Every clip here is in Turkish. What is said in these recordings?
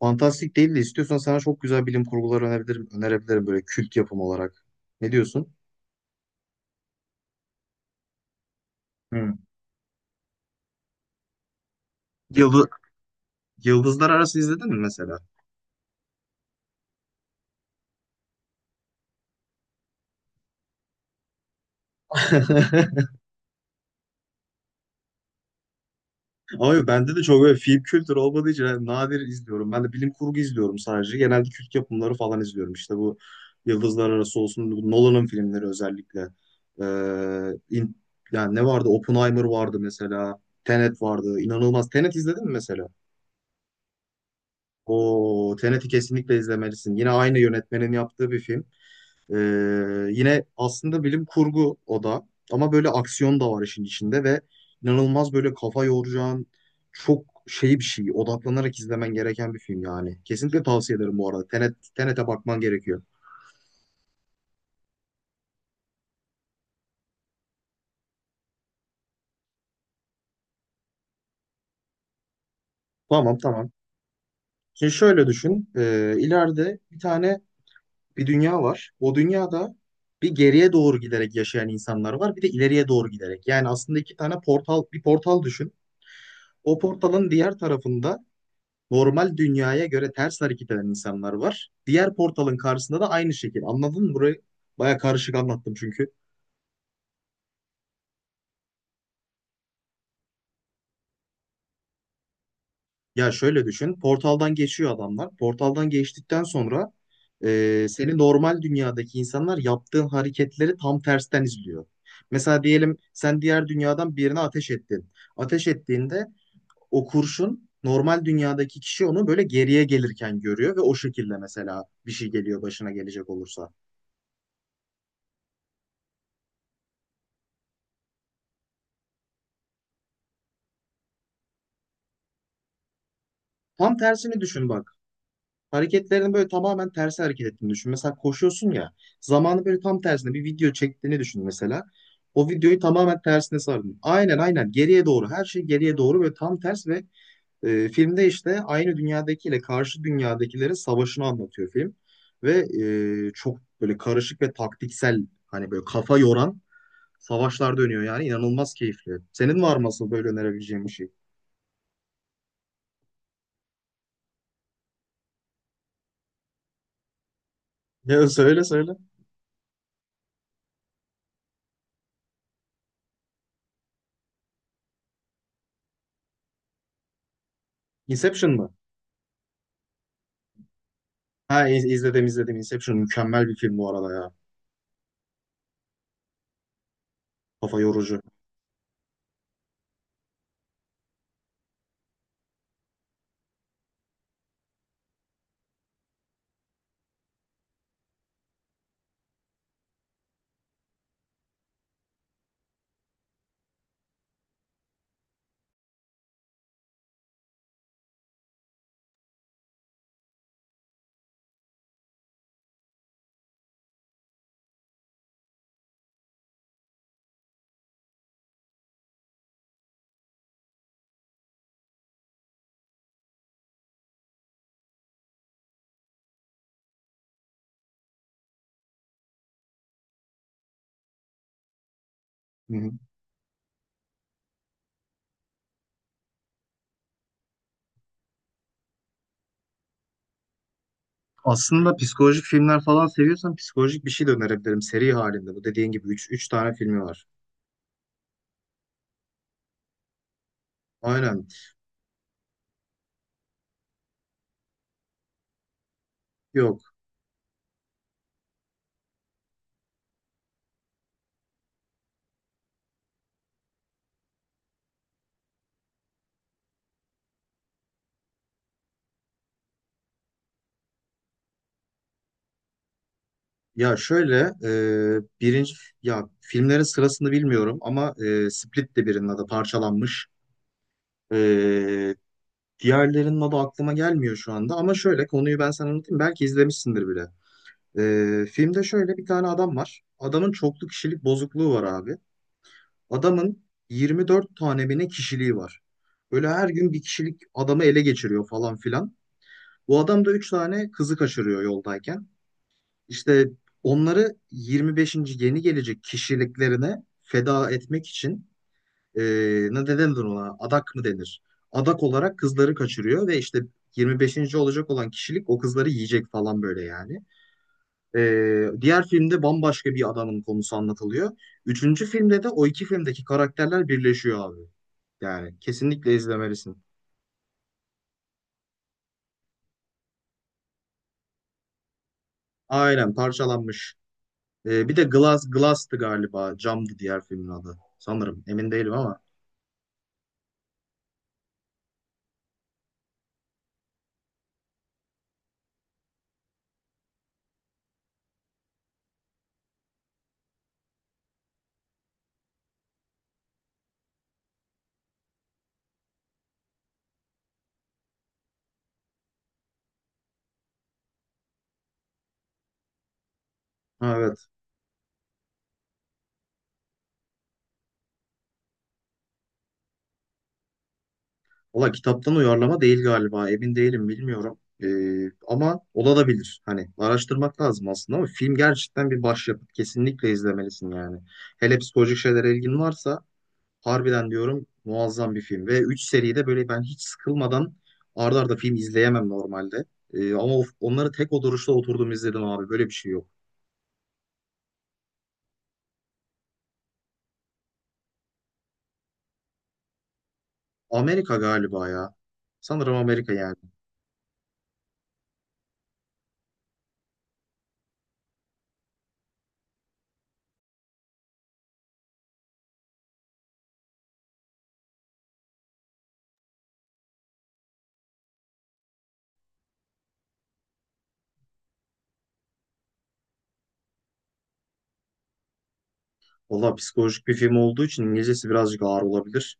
Fantastik değil de istiyorsan sana çok güzel bilim kurguları önerebilirim, önerebilirim böyle kült yapım olarak. Ne diyorsun? Hmm. Yıldız, Yıldızlar Arası izledin mi mesela? Ama yok, bende de çok böyle film kültürü olmadığı için yani nadir izliyorum. Ben de bilim kurgu izliyorum sadece. Genelde kült yapımları falan izliyorum. İşte bu Yıldızlar Arası olsun, bu Nolan'ın filmleri özellikle. Ee, in- Yani ne vardı? Oppenheimer vardı mesela. Tenet vardı. İnanılmaz. Tenet izledin mi mesela? O Tenet'i kesinlikle izlemelisin. Yine aynı yönetmenin yaptığı bir film. Ee, Yine aslında bilim kurgu o da ama böyle aksiyon da var işin içinde ve inanılmaz böyle kafa yoracağın çok şey bir şey odaklanarak izlemen gereken bir film yani. Kesinlikle tavsiye ederim bu arada. Tenet'e bakman gerekiyor. Tamam tamam. Şimdi şöyle düşün. İleride bir dünya var. O dünyada bir geriye doğru giderek yaşayan insanlar var. Bir de ileriye doğru giderek. Yani aslında iki tane portal, bir portal düşün. O portalın diğer tarafında normal dünyaya göre ters hareket eden insanlar var. Diğer portalın karşısında da aynı şekil. Anladın mı? Burayı baya karışık anlattım çünkü. Ya şöyle düşün. Portaldan geçiyor adamlar. Portaldan geçtikten sonra seni normal dünyadaki insanlar yaptığın hareketleri tam tersten izliyor. Mesela diyelim sen diğer dünyadan birine ateş ettin. Ateş ettiğinde o kurşun normal dünyadaki kişi onu böyle geriye gelirken görüyor ve o şekilde mesela bir şey geliyor başına gelecek olursa. Tam tersini düşün bak. Hareketlerini böyle tamamen tersi hareket ettiğini düşün. Mesela koşuyorsun ya zamanı böyle tam tersine bir video çektiğini düşün mesela. O videoyu tamamen tersine sardın. Aynen aynen geriye doğru her şey geriye doğru böyle tam ters ve filmde işte aynı dünyadakiyle karşı dünyadakilerin savaşını anlatıyor film. Ve çok böyle karışık ve taktiksel hani böyle kafa yoran savaşlar dönüyor yani inanılmaz keyifli. Senin var mı asıl böyle önerebileceğin bir şey? Ya söyle söyle. Inception mı? Ha izledim izledim. Inception mükemmel bir film bu arada ya. Kafa yorucu. Hı hı. Aslında psikolojik filmler falan seviyorsan psikolojik bir şey de önerebilirim seri halinde. Bu dediğin gibi üç tane filmi var. Aynen. Yok. Ya şöyle birinci ya filmlerin sırasını bilmiyorum ama Split de birinin adı parçalanmış. E, Diğerlerinin adı aklıma gelmiyor şu anda ama şöyle konuyu ben sana anlatayım. Belki izlemişsindir bile. Filmde şöyle bir tane adam var. Adamın çoklu kişilik bozukluğu var abi. Adamın 24 tane mi ne kişiliği var. Böyle her gün bir kişilik adamı ele geçiriyor falan filan. Bu adam da 3 tane kızı kaçırıyor yoldayken. İşte onları 25'inci yeni gelecek kişiliklerine feda etmek için e, ne ne denir ona? Adak mı denir? Adak olarak kızları kaçırıyor ve işte 25'inci olacak olan kişilik o kızları yiyecek falan böyle yani. Diğer filmde bambaşka bir adamın konusu anlatılıyor. Üçüncü filmde de o iki filmdeki karakterler birleşiyor abi. Yani kesinlikle izlemelisin. Aynen parçalanmış. Bir de Glass'tı galiba. Camdı diğer filmin adı. Sanırım. Emin değilim ama. Ha, evet. Valla kitaptan uyarlama değil galiba. Emin değilim bilmiyorum. Ama olabilir. Hani araştırmak lazım aslında ama film gerçekten bir başyapıt. Kesinlikle izlemelisin yani. Hele psikolojik şeylere ilgin varsa harbiden diyorum muazzam bir film. Ve 3 seride böyle ben hiç sıkılmadan arda arda film izleyemem normalde. Ama onları tek oturuşta oturdum izledim abi. Böyle bir şey yok. Amerika galiba ya. Sanırım Amerika yani. Valla psikolojik bir film olduğu için İngilizcesi birazcık ağır olabilir.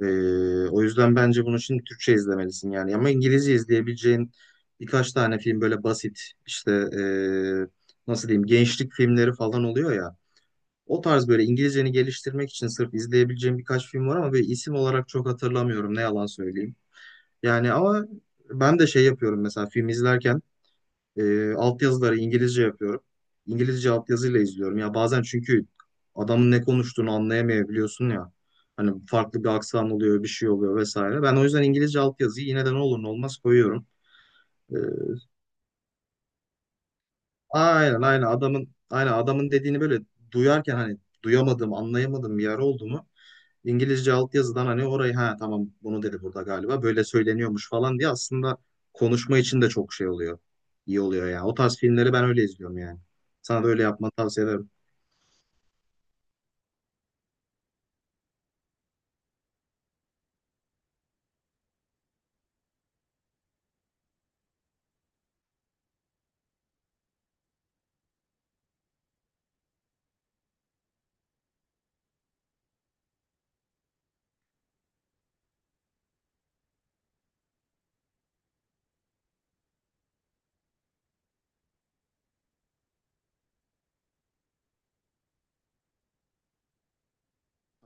O yüzden bence bunun için Türkçe izlemelisin yani. Ama İngilizce izleyebileceğin birkaç tane film böyle basit işte nasıl diyeyim gençlik filmleri falan oluyor ya. O tarz böyle İngilizceni geliştirmek için sırf izleyebileceğim birkaç film var ama böyle isim olarak çok hatırlamıyorum ne yalan söyleyeyim. Yani ama ben de şey yapıyorum mesela film izlerken altyazıları İngilizce yapıyorum. İngilizce altyazıyla izliyorum. Ya bazen çünkü adamın ne konuştuğunu anlayamayabiliyorsun ya. Hani farklı bir aksan oluyor, bir şey oluyor vesaire. Ben o yüzden İngilizce altyazıyı yine de ne olur ne olmaz koyuyorum. E, aynen aynen adamın dediğini böyle duyarken hani duyamadım, anlayamadım bir yer oldu mu? İngilizce altyazıdan hani orayı ha tamam bunu dedi burada galiba böyle söyleniyormuş falan diye aslında konuşma için de çok şey oluyor. İyi oluyor yani. O tarz filmleri ben öyle izliyorum yani. Sana da öyle yapmanı tavsiye ederim.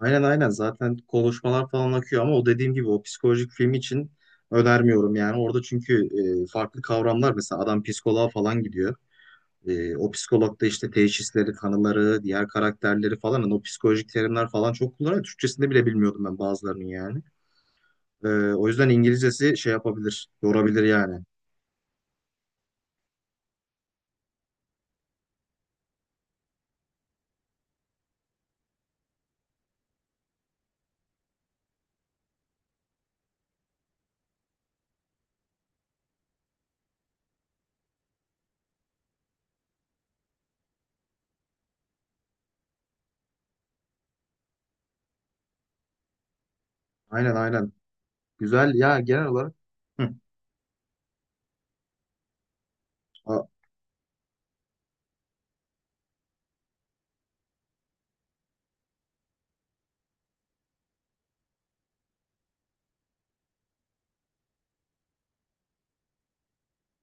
Aynen aynen zaten konuşmalar falan akıyor ama o dediğim gibi o psikolojik film için önermiyorum yani. Orada çünkü farklı kavramlar mesela adam psikoloğa falan gidiyor. O psikolog da işte teşhisleri, tanıları, diğer karakterleri falan hani o psikolojik terimler falan çok kullanıyor. Türkçesinde bile bilmiyordum ben bazılarının yani. Ee, O yüzden İngilizcesi şey yapabilir, yorabilir yani. Aynen aynen. Güzel ya genel olarak. Hı. Aa,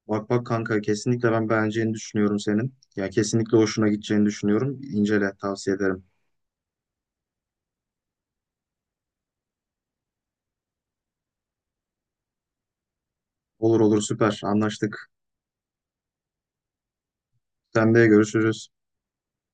bak bak kanka kesinlikle ben beğeneceğini düşünüyorum senin. Ya kesinlikle hoşuna gideceğini düşünüyorum. İncele tavsiye ederim. Olur olur süper anlaştık. Sen de görüşürüz.